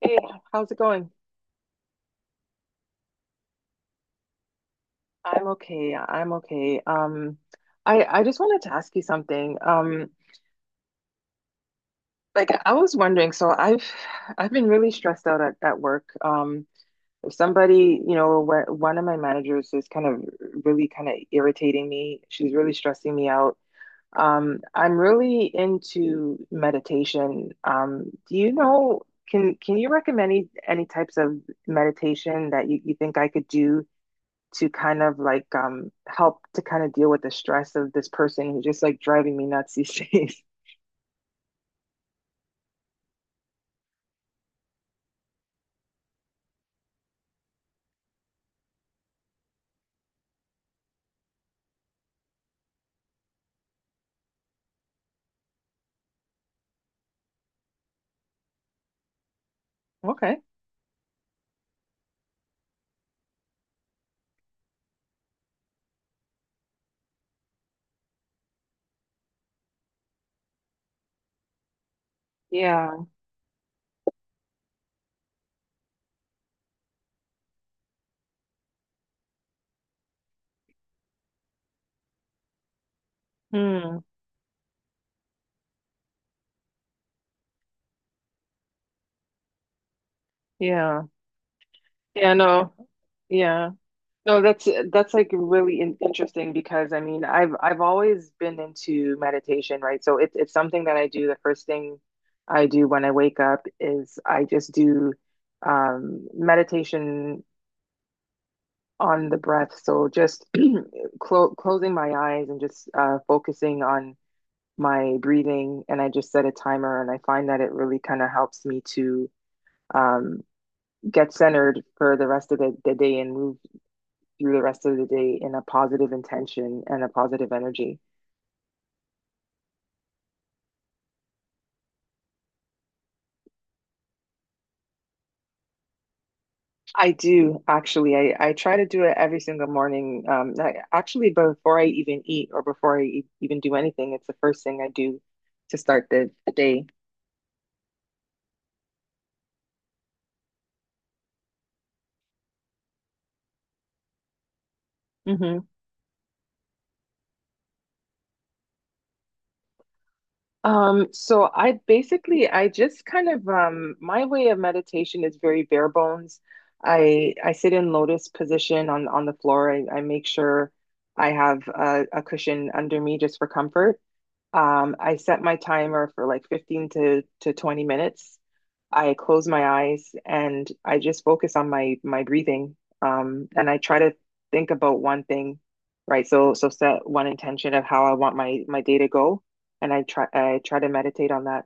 Hey, how's it going? I'm okay. I'm okay. I just wanted to ask you something. Like I was wondering, so I've been really stressed out at work. If somebody, you know, one of my managers is kind of really kind of irritating me. She's really stressing me out. I'm really into meditation. Do you know, can you recommend any types of meditation that you think I could do? To kind of like help to kind of deal with the stress of this person who's just like driving me nuts these days. Okay. Yeah. Hmm. Yeah. Yeah, no. Yeah. No, that's like really in interesting because I mean, I've always been into meditation, right? So it's something that I do. The first thing I do when I wake up is I just do meditation on the breath. So just closing my eyes and just focusing on my breathing, and I just set a timer, and I find that it really kind of helps me to um, get centered for the rest of the day, and move through the rest of the day in a positive intention and a positive energy. I do actually. I try to do it every single morning. Actually, before I even eat or before I even do anything, it's the first thing I do to start the day. Mm-hmm. So I basically I just kind of my way of meditation is very bare bones. I sit in lotus position on the floor. I make sure I have a cushion under me just for comfort. I set my timer for like 15 to 20 minutes. I close my eyes and I just focus on my my breathing. And I try to think about one thing, right? So so set one intention of how I want my my day to go, and I try to meditate on that.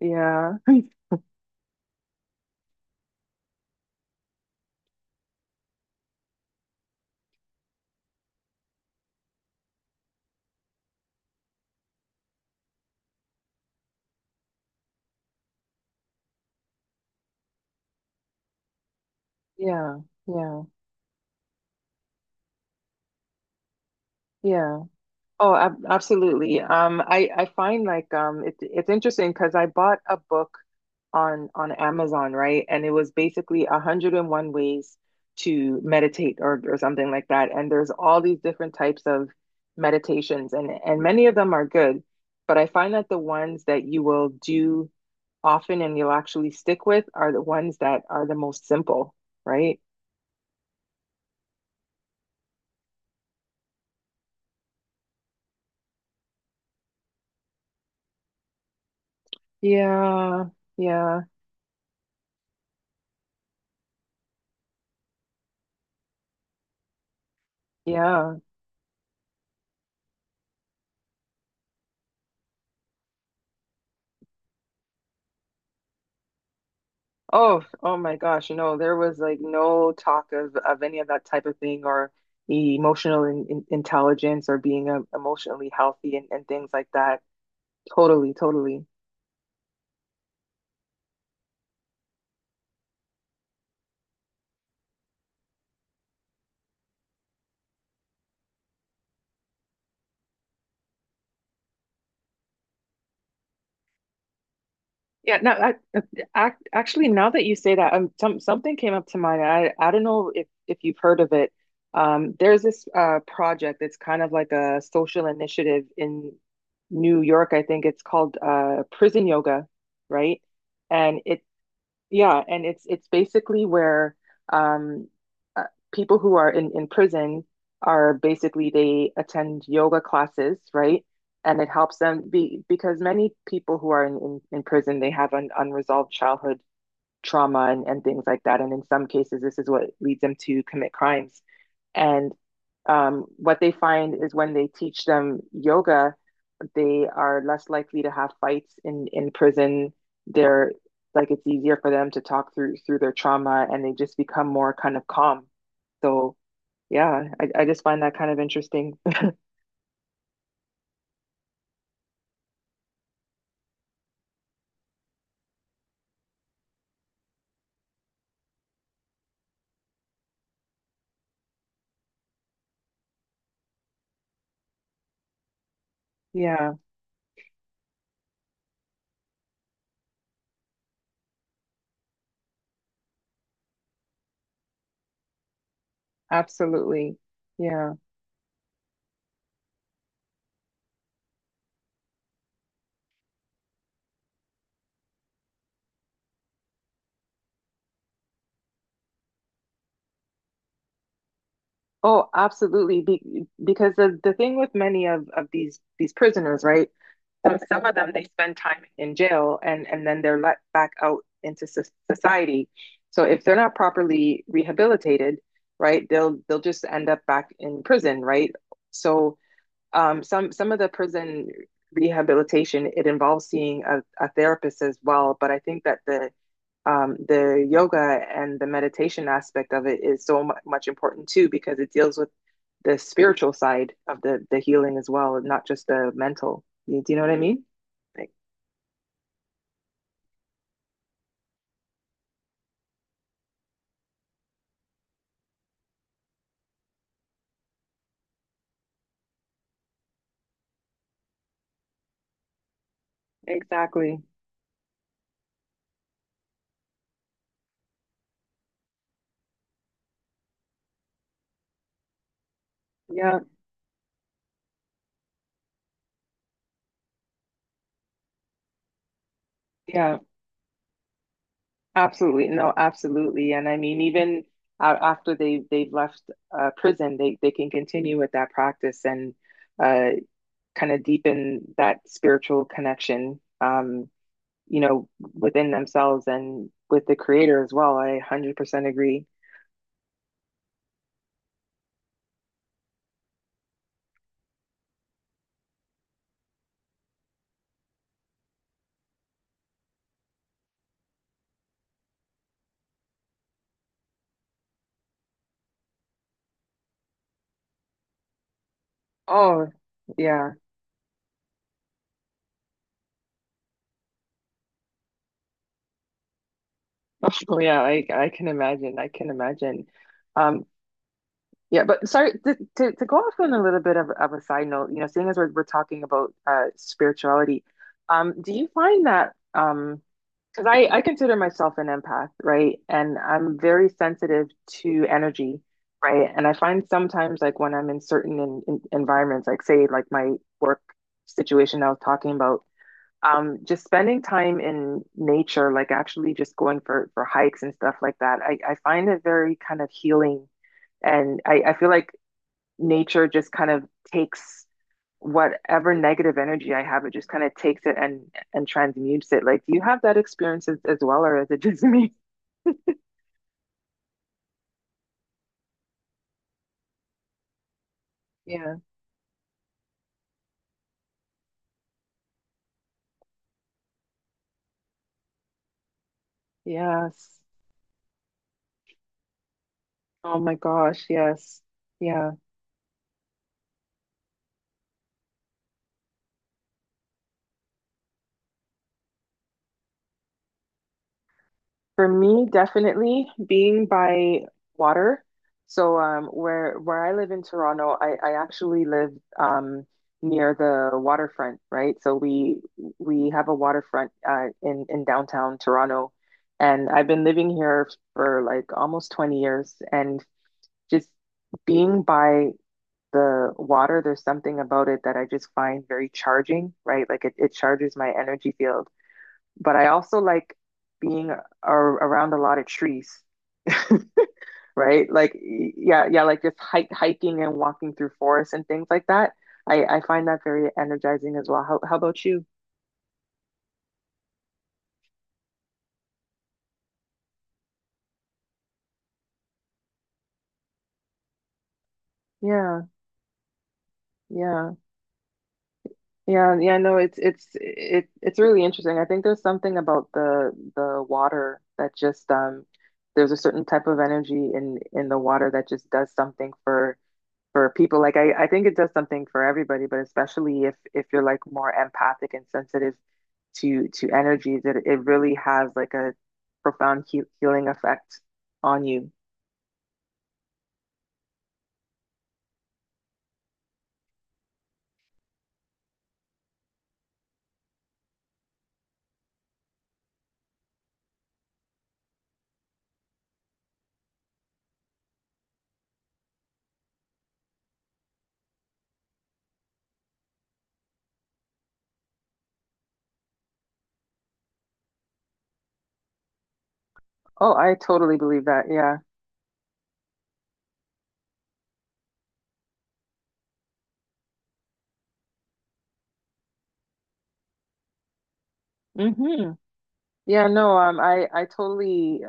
Yeah, yeah, yeah, yeah. Oh, ab absolutely. I find like it, it's interesting because I bought a book on Amazon, right? And it was basically 101 ways to meditate or something like that. And there's all these different types of meditations and many of them are good, but I find that the ones that you will do often, and you'll actually stick with are the ones that are the most simple, right? Yeah. Yeah. Yeah. Oh, oh my gosh, you know, there was like no talk of any of that type of thing or emotional intelligence or being emotionally healthy and things like that. Totally, totally. Yeah, no, actually, now that you say that, some, something came up to mind. I don't know if you've heard of it. There's this project. It's kind of like a social initiative in New York. I think it's called Prison Yoga, right? And yeah, and it's basically where um, uh, people who are in prison are basically they attend yoga classes, right? And it helps them be because many people who are in in prison they have an unresolved childhood trauma and things like that. And in some cases, this is what leads them to commit crimes. And what they find is when they teach them yoga, they are less likely to have fights in prison. They're like it's easier for them to talk through through their trauma, and they just become more kind of calm. So yeah, I just find that kind of interesting. Yeah, absolutely. Yeah. Oh, absolutely. Be because the thing with many of these prisoners, right? So some of them they spend time in jail and then they're let back out into society. So if they're not properly rehabilitated, right, they'll just end up back in prison, right? So some of the prison rehabilitation it involves seeing a therapist as well, but I think that the yoga and the meditation aspect of it is so much important too because it deals with the spiritual side of the healing as well, and not just the mental. Do you know what I mean? Exactly. Yeah, yeah, absolutely. No, absolutely. And I mean, even after they've left prison, they can continue with that practice and uh, kind of deepen that spiritual connection. You know, within themselves and with the creator as well. I 100% agree. Oh, yeah. Oh, yeah. I can imagine. I can imagine. Um, yeah, but sorry to go off on a little bit of a side note, you know, seeing as we're talking about spirituality, do you find that because I consider myself an empath, right? And I'm very sensitive to energy, right? And I find sometimes, like when I'm in certain in environments, like say, like my work situation I was talking about, just spending time in nature, like actually just going for hikes and stuff like that, I find it very kind of healing. And I feel like nature just kind of takes whatever negative energy I have, it just kind of takes it and transmutes it. Like, do you have that experience as well, or is it just me? Yeah. Yes. Oh my gosh. Yes. Yeah. For me, definitely being by water. So where I live in Toronto, I actually live um, near the waterfront, right? So we have a waterfront in downtown Toronto, and I've been living here for like almost 20 years, and just being by the water, there's something about it that I just find very charging, right? Like it charges my energy field, but I also like being a around a lot of trees, right? Like, yeah, yeah, like just hiking and walking through forests and things like that. I find that very energizing as well. How about you? Yeah, yeah, yeah, yeah. No, it's really interesting. I think there's something about the water that just there's a certain type of energy in the water that just does something for people. Like I think it does something for everybody, but especially if you're like more empathic and sensitive to energies, it really has like a profound healing effect on you. Oh, I totally believe that, yeah. Hmm, yeah, no, I I totally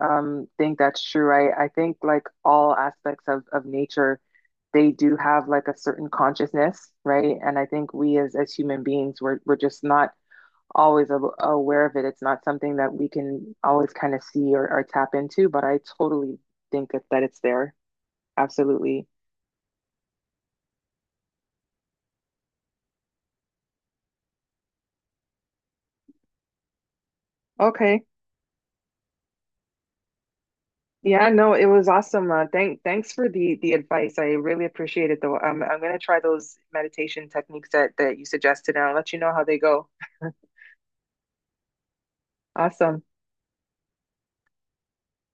think that's true. I think like all aspects of nature they do have like a certain consciousness, right? And I think we as human beings we're just not always aware of it. It's not something that we can always kind of see or tap into, but I totally think that, that it's there. Absolutely. Okay. Yeah, no, it was awesome. Thanks for the advice. I really appreciate it, though. I'm gonna try those meditation techniques that that you suggested, and I'll let you know how they go. Awesome.